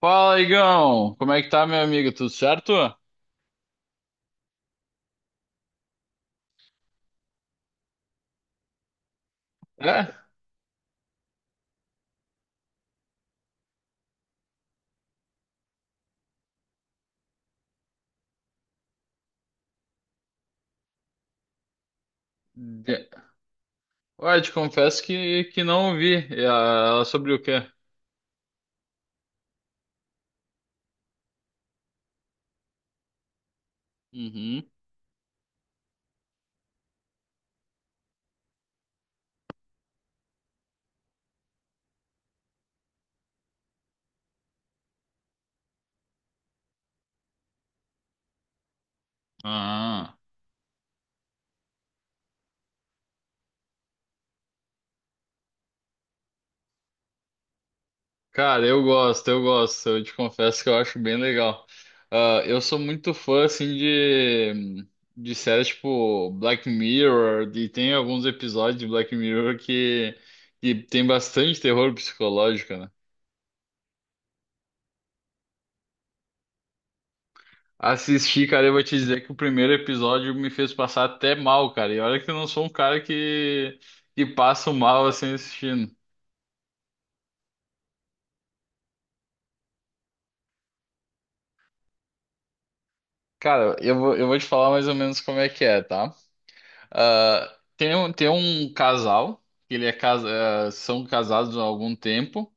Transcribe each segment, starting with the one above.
Fala, Igão! Como é que tá, meu amigo? Tudo certo? É? De- Ué, te confesso que não vi. E a- Ela sobre o quê? Uhum. Ah. Cara, eu gosto, eu gosto. Eu te confesso que eu acho bem legal. Ah, eu sou muito fã, assim, de séries tipo Black Mirror. E tem alguns episódios de Black Mirror que tem bastante terror psicológico, né? Assisti, cara, eu vou te dizer que o primeiro episódio me fez passar até mal, cara. E olha que eu não sou um cara que passa mal assim assistindo. Cara, eu vou te falar mais ou menos como é que é, tá? Ah, tem um casal, que ele é casa, ah, são casados há algum tempo,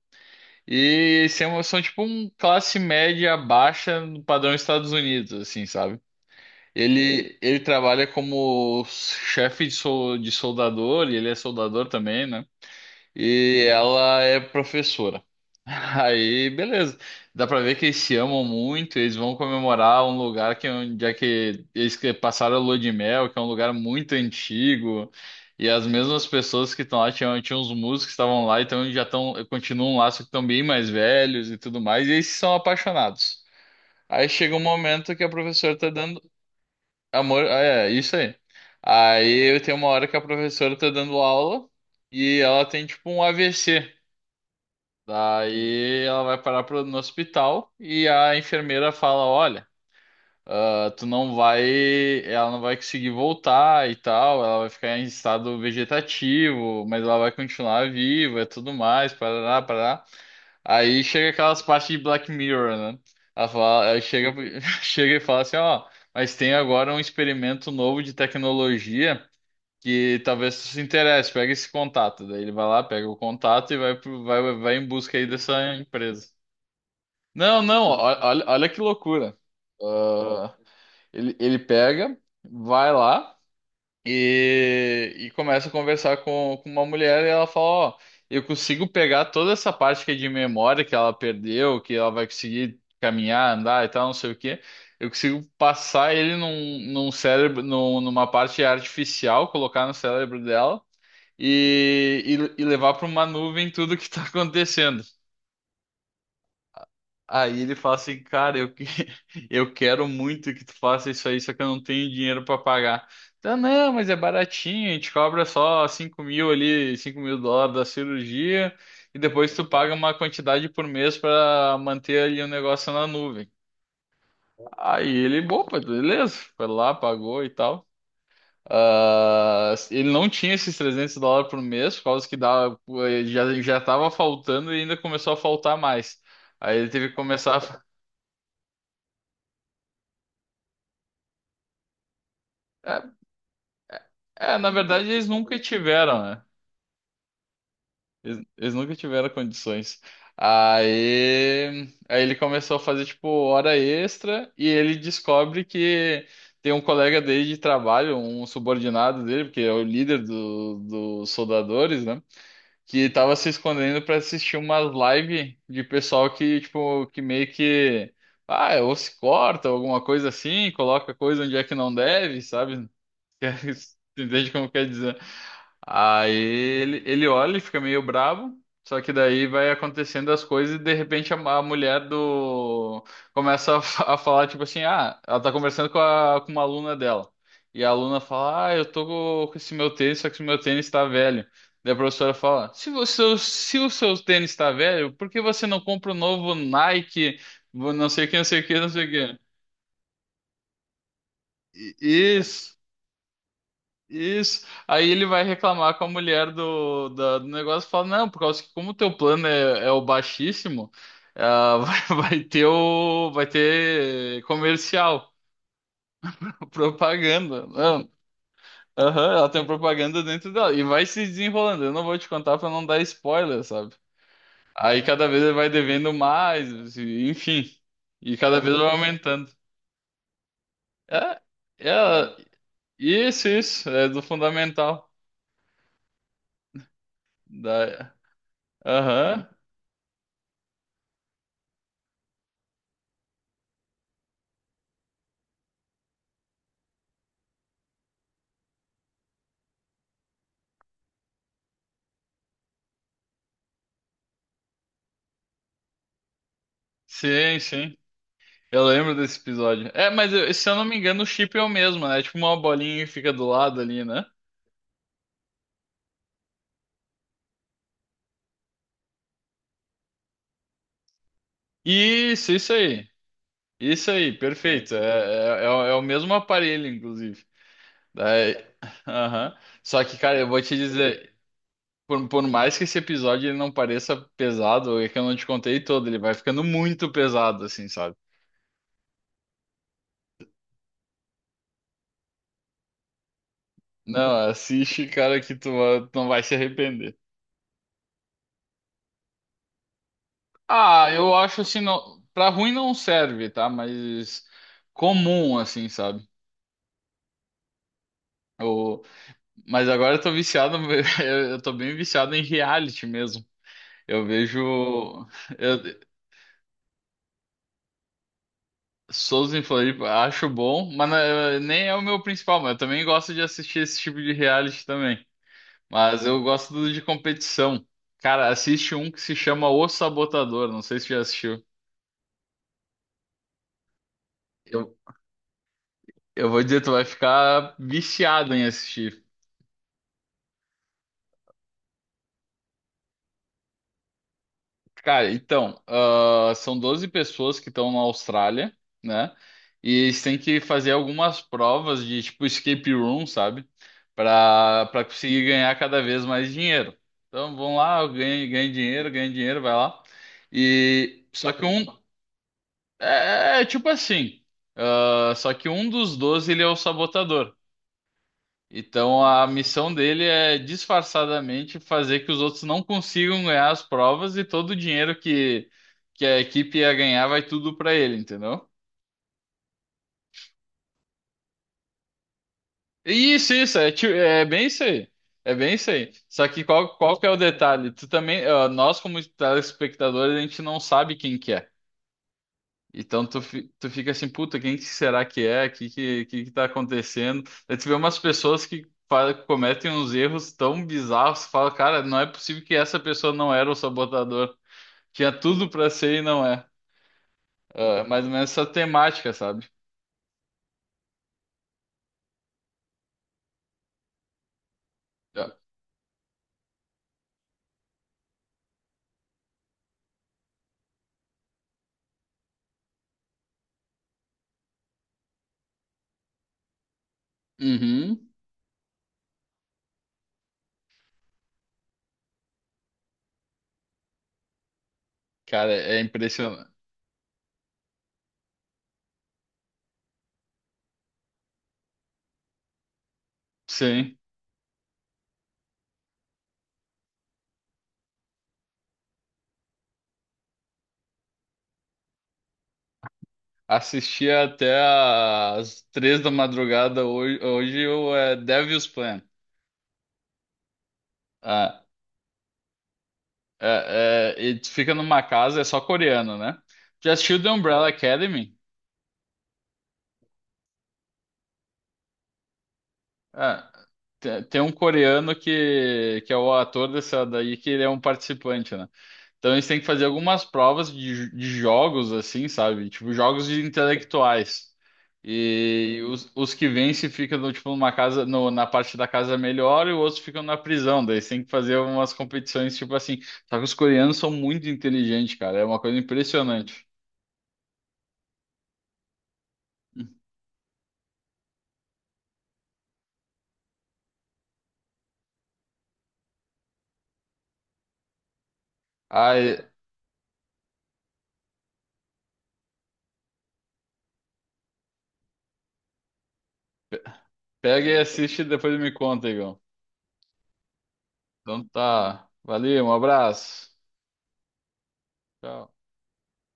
e são tipo um classe média baixa no padrão Estados Unidos, assim, sabe? Ele trabalha como chefe de, sol, de soldador, e ele é soldador também, né? E ela é professora. Aí, beleza. Dá pra ver que eles se amam muito, eles vão comemorar um lugar que é onde é que eles que passaram a lua de mel, que é um lugar muito antigo. E as mesmas pessoas que estão lá, tinham uns músicos que estavam lá, então eles já estão, continuam um laço que estão bem mais velhos e tudo mais, e eles são apaixonados. Aí chega um momento que a professora tá dando amor, ah, é, isso aí. Aí tem uma hora que a professora tá dando aula e ela tem tipo um AVC. Daí ela vai parar pro, no hospital e a enfermeira fala: Olha, ah, tu não vai. Ela não vai conseguir voltar e tal, ela vai ficar em estado vegetativo, mas ela vai continuar viva e tudo mais, parará, parará. Aí chega aquelas partes de Black Mirror, né? Ela fala, ela chega, chega e fala assim: Ó, mas tem agora um experimento novo de tecnologia que talvez tu se interesse, pega esse contato. Daí ele vai lá, pega o contato e vai, pro- vai em busca aí dessa empresa. Não, não, ó- olha, olha que loucura. Ah, ele pega, vai lá e, começa a conversar com uma mulher e ela fala, ó, eu consigo pegar toda essa parte que é de memória que ela perdeu, que ela vai conseguir caminhar, andar e tal, não sei o quê. Eu consigo passar ele num, num cérebro, num- numa parte artificial, colocar no cérebro dela e, e levar para uma nuvem tudo que está acontecendo. Aí ele fala assim, cara, eu, que- eu quero muito que tu faça isso aí, só que eu não tenho dinheiro para pagar. Então, não, mas é baratinho, a gente cobra só 5.000 ali, 5.000 dólares da cirurgia, e depois tu paga uma quantidade por mês para manter ali o negócio na nuvem. Aí ele, opa, beleza, foi lá, pagou e tal. Ah, ele não tinha esses 300 dólares por mês, por causa que dava, já estava faltando e ainda começou a faltar mais. Aí ele teve que começar a... fa- É, é, na verdade eles nunca tiveram, né? Eles nunca tiveram condições. Aí ele começou a fazer, tipo, hora extra e ele descobre que tem um colega dele de trabalho, um subordinado dele, porque é o líder dos soldadores, né? Que tava se escondendo pra assistir umas live de pessoal que, tipo, que meio que, ah, ou se corta, alguma coisa assim, coloca coisa onde é que não deve, sabe? Você entende como quer dizer? Aí ele olha e fica meio bravo. Só que daí vai acontecendo as coisas e de repente a mulher do começa a, fa- a falar tipo assim, ah, ela tá conversando com, a, com uma aluna dela. E a aluna fala, ah, eu tô co- com esse meu tênis, só que esse meu tênis tá velho. Daí a professora fala, se você, se o seu tênis tá velho, por que você não compra um novo Nike, não sei o que, não sei o que, não sei o que. Isso. Isso. Aí ele vai reclamar com a mulher do, da- do negócio e fala, não, por causa que como o teu plano é o baixíssimo, ah, vai, vai ter o, vai ter comercial, propaganda. Não. Aham, ela tem propaganda dentro dela. E vai se desenrolando. Eu não vou te contar pra não dar spoiler, sabe? Aí cada vez ele vai devendo mais, e- enfim. E cada é vez vai aumentando. É, é, isso, isso. É do fundamental. Da, aham. Sim, sim. Eu lembro desse episódio. É, mas eu- se eu não me engano, o chip é o mesmo, né? É tipo uma bolinha que fica do lado ali, né? Isso aí. Isso aí, perfeito. É, é, é o mesmo aparelho, inclusive. Daí, aham. Só que, cara, eu vou te dizer, por mais que esse episódio ele não pareça pesado, é que eu não te contei todo, ele vai ficando muito pesado, assim, sabe? Não, assiste, cara, que tu, va- tu não vai se arrepender. Ah, eu acho assim, não, pra ruim não serve, tá? Mas comum, assim, sabe? O- Mas agora eu tô viciado, eu tô bem viciado em reality mesmo. Eu vejo eu, Souza em Floripa, acho bom, mas não é- nem é o meu principal, mas eu também gosto de assistir esse tipo de reality também. Mas eu gosto do de competição. Cara, assiste um que se chama O Sabotador, não sei se já assistiu. Eu, eu vou dizer, tu vai ficar viciado em assistir. Cara, então, ah, são 12 pessoas que estão na Austrália, né? E eles têm que fazer algumas provas de tipo escape room, sabe? Para conseguir ganhar cada vez mais dinheiro. Então, vão lá, ganha, ganha dinheiro, vai lá. E só que um é, é tipo assim, ah, só que um dos 12 ele é o sabotador. Então a missão dele é disfarçadamente fazer que os outros não consigam ganhar as provas e todo o dinheiro que a equipe ia ganhar vai tudo pra ele, entendeu? Isso, é, ti- é bem isso aí. É bem isso aí. Só que qual que é o detalhe? Tu também, ó, nós como telespectadores, a gente não sabe quem que é. Então tu, fi- tu fica assim, puta, quem que será que é? O que, que tá acontecendo? Aí tu vê umas pessoas que fa- cometem uns erros tão bizarros, tu fala, cara, não é possível que essa pessoa não era o sabotador. Tinha tudo pra ser e não é. É, mais ou menos essa temática, sabe? É. Uhum. Cara, é impressionante. Sim. Assisti até às 3 da madrugada hoje, hoje o é, Devil's Plan. É, É, é, e tu fica numa casa, é só coreano, né? Já assistiu The Umbrella Academy? Ah, te- tem um coreano que é o ator dessa daí, que ele é um participante, né? Então eles têm que fazer algumas provas de, jo- de jogos, assim, sabe? Tipo, jogos de intelectuais. E os que vencem ficam, no, tipo, numa casa, no- na parte da casa melhor e os outros ficam na prisão. Daí eles têm que fazer umas competições, tipo assim. Só que os coreanos são muito inteligentes, cara. É uma coisa impressionante. Ah, pega e assiste e depois me conta, Igor. Então tá. Valeu, um abraço. Tchau.